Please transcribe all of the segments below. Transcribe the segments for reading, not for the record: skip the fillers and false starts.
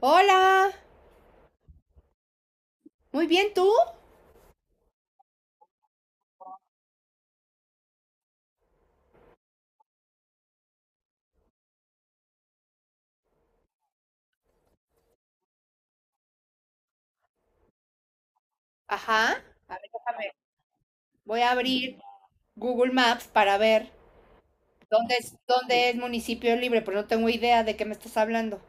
Hola, muy bien, ¿tú? Ajá, a ver, déjame, voy a abrir Google Maps para ver dónde es municipio libre, pero no tengo idea de qué me estás hablando.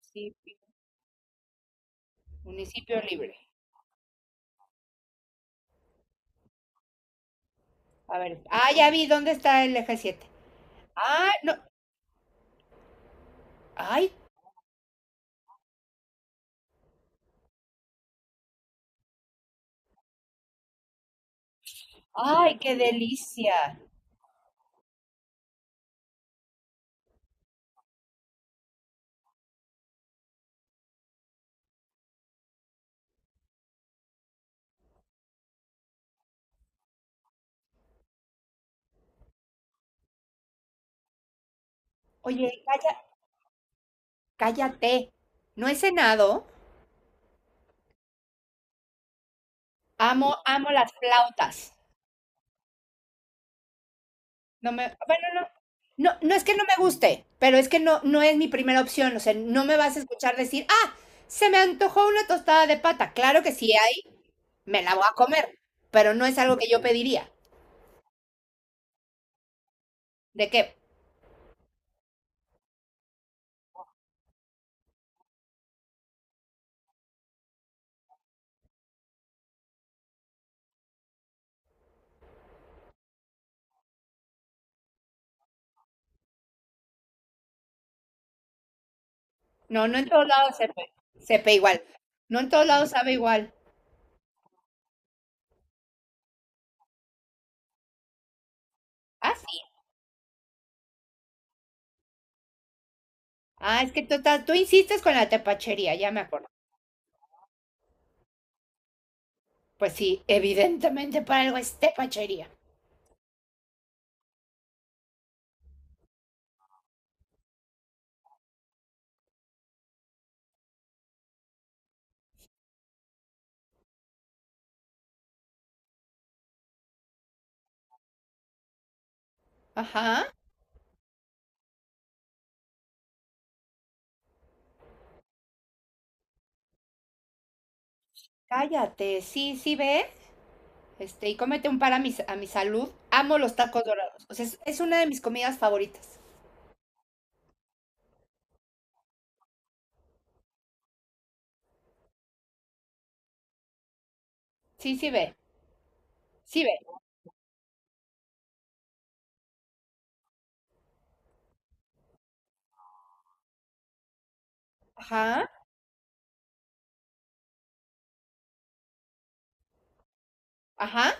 Sí, municipio libre. A ver, ah, ya vi dónde está el eje Siete. Ah, no, ay, ay, qué delicia. Oye, cállate, no he cenado, amo las flautas. No me, bueno, no, no, no es que no me guste, pero es que no es mi primera opción. O sea, no me vas a escuchar decir, ah, se me antojó una tostada de pata. Claro que si hay, me la voy a comer, pero no es algo que yo pediría. ¿De qué? No, no en todos lados sepe igual. No en todos lados sabe igual. Ah, sí. Ah, es que tú insistes con la tepachería, ya me acuerdo. Pues sí, evidentemente para algo es tepachería. Ajá. Cállate, sí, sí, ve. Este, y cómete un par a a mi salud. Amo los tacos dorados. O sea, es una de mis comidas favoritas. Sí, sí ve. Sí ve. Ajá, ajá.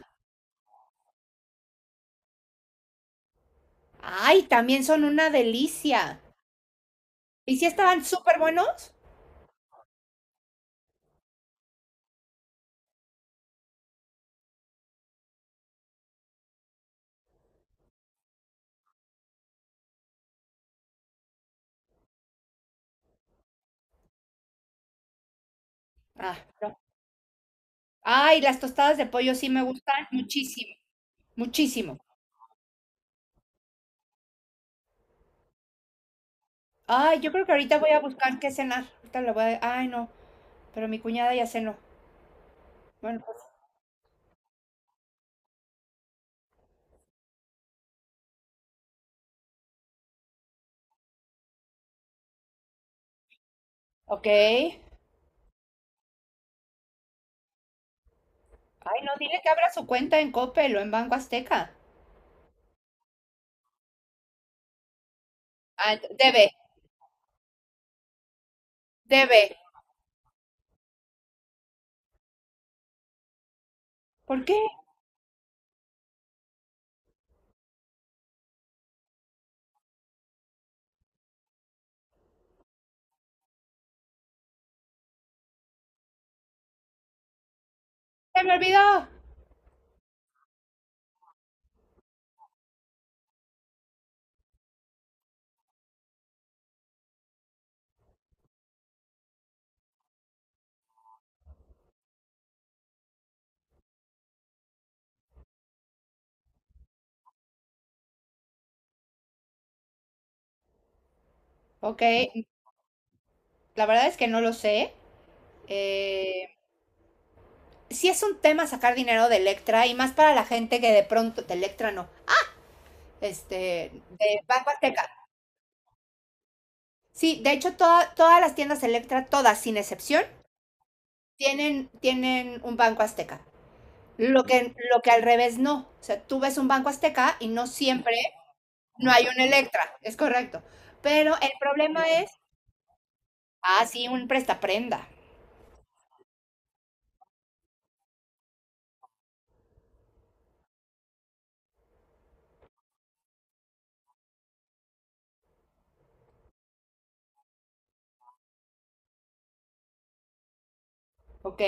Ay, también son una delicia. ¿Y si estaban súper buenos? Ah, no. Ay, las tostadas de pollo sí me gustan muchísimo. Muchísimo. Ay, yo creo que ahorita voy a buscar qué cenar. Ahorita lo voy a... Ay, no. Pero mi cuñada ya cenó. Bueno, pues, ok. Ay, no, dile que abra su cuenta en Coppel o en Banco Azteca. Ah, debe, debe. ¿Por qué? ¡Se me olvidó! Ok, la verdad es que no lo sé. Eh, sí es un tema sacar dinero de Electra y más para la gente que de pronto, de Electra no, este, de Banco Azteca. Sí, de hecho todas las tiendas Electra, todas sin excepción, tienen un Banco Azteca. Lo que al revés no. O sea, tú ves un Banco Azteca y no siempre no hay un Electra, es correcto. Pero el problema es, ah, sí, un prestaprenda, ¿ok?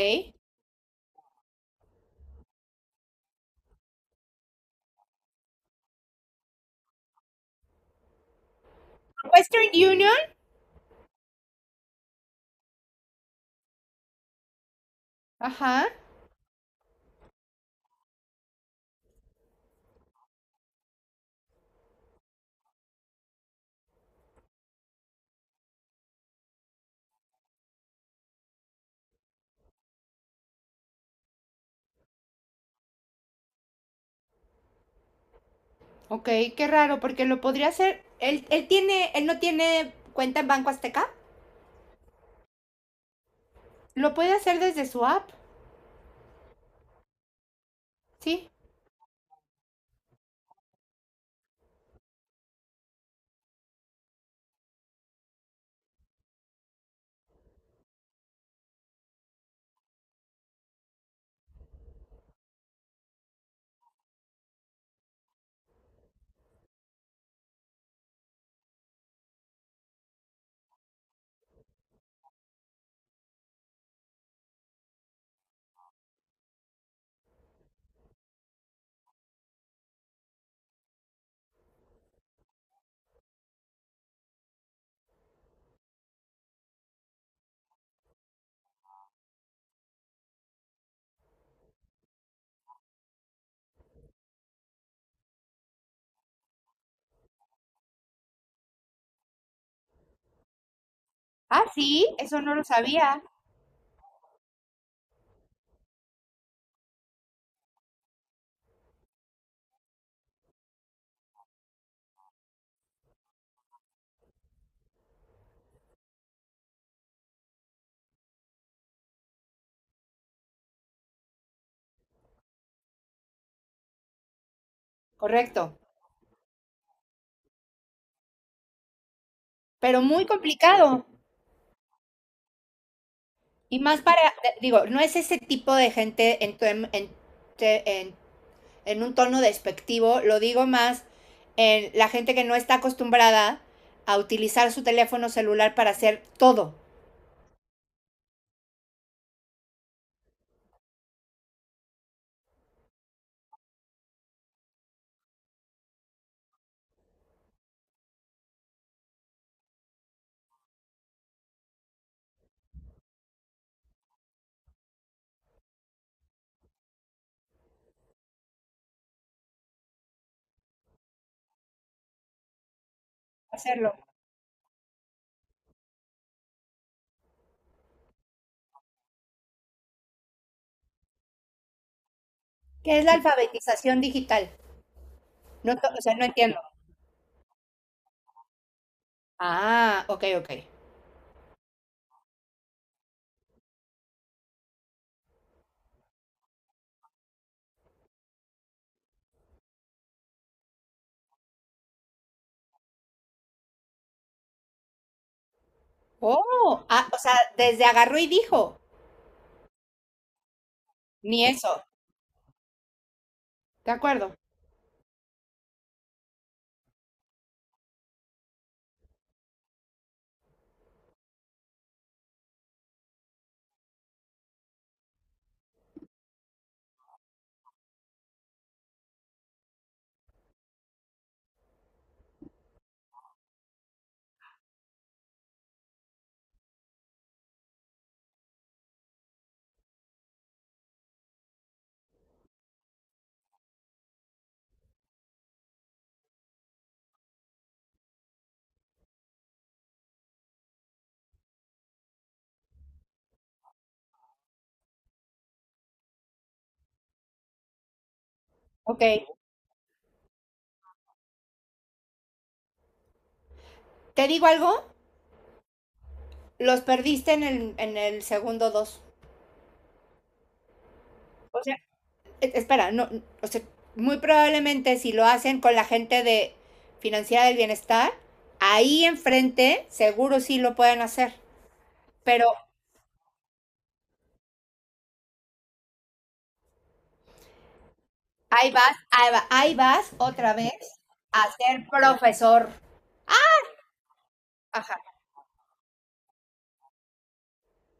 Western Union, ajá. Ok, qué raro, porque lo podría hacer. Él tiene, él no tiene cuenta en Banco Azteca. Lo puede hacer desde su app, ¿sí? Ah, sí, eso no lo sabía. Correcto. Pero muy complicado. Y más para, digo, no es ese tipo de gente en, tu- en- te- en un tono despectivo, lo digo más en la gente que no está acostumbrada a utilizar su teléfono celular para hacer todo. Hacerlo. ¿Qué es la alfabetización digital? No, o sea, no entiendo. Ah, ok, ok. Oh, ah, o sea, desde agarró y dijo, ni eso. De acuerdo. Ok. ¿Te digo algo? Los perdiste en el segundo dos. O sea, espera, no, o sea, muy probablemente si lo hacen con la gente de Financiera del Bienestar, ahí enfrente seguro sí lo pueden hacer. Pero ahí vas, ahí vas otra vez a ser profesor. Ajá.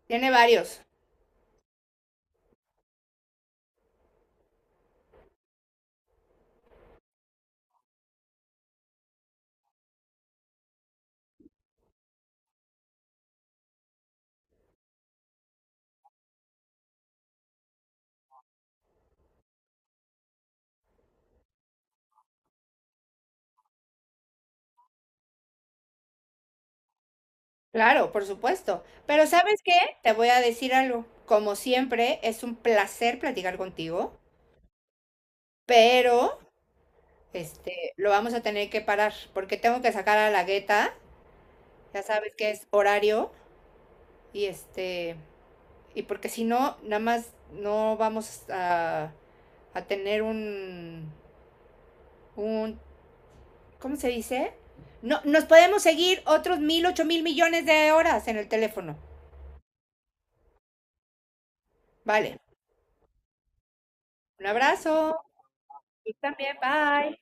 Tiene varios. Claro, por supuesto. Pero ¿sabes qué? Te voy a decir algo. Como siempre, es un placer platicar contigo, pero este, lo vamos a tener que parar porque tengo que sacar a la gueta. Ya sabes que es horario y este, y porque si no, nada más no vamos a tener un, ¿cómo se dice? No, nos podemos seguir otros 1000, 8 mil millones de horas en el teléfono. Vale. Un abrazo. Tú también. Bye.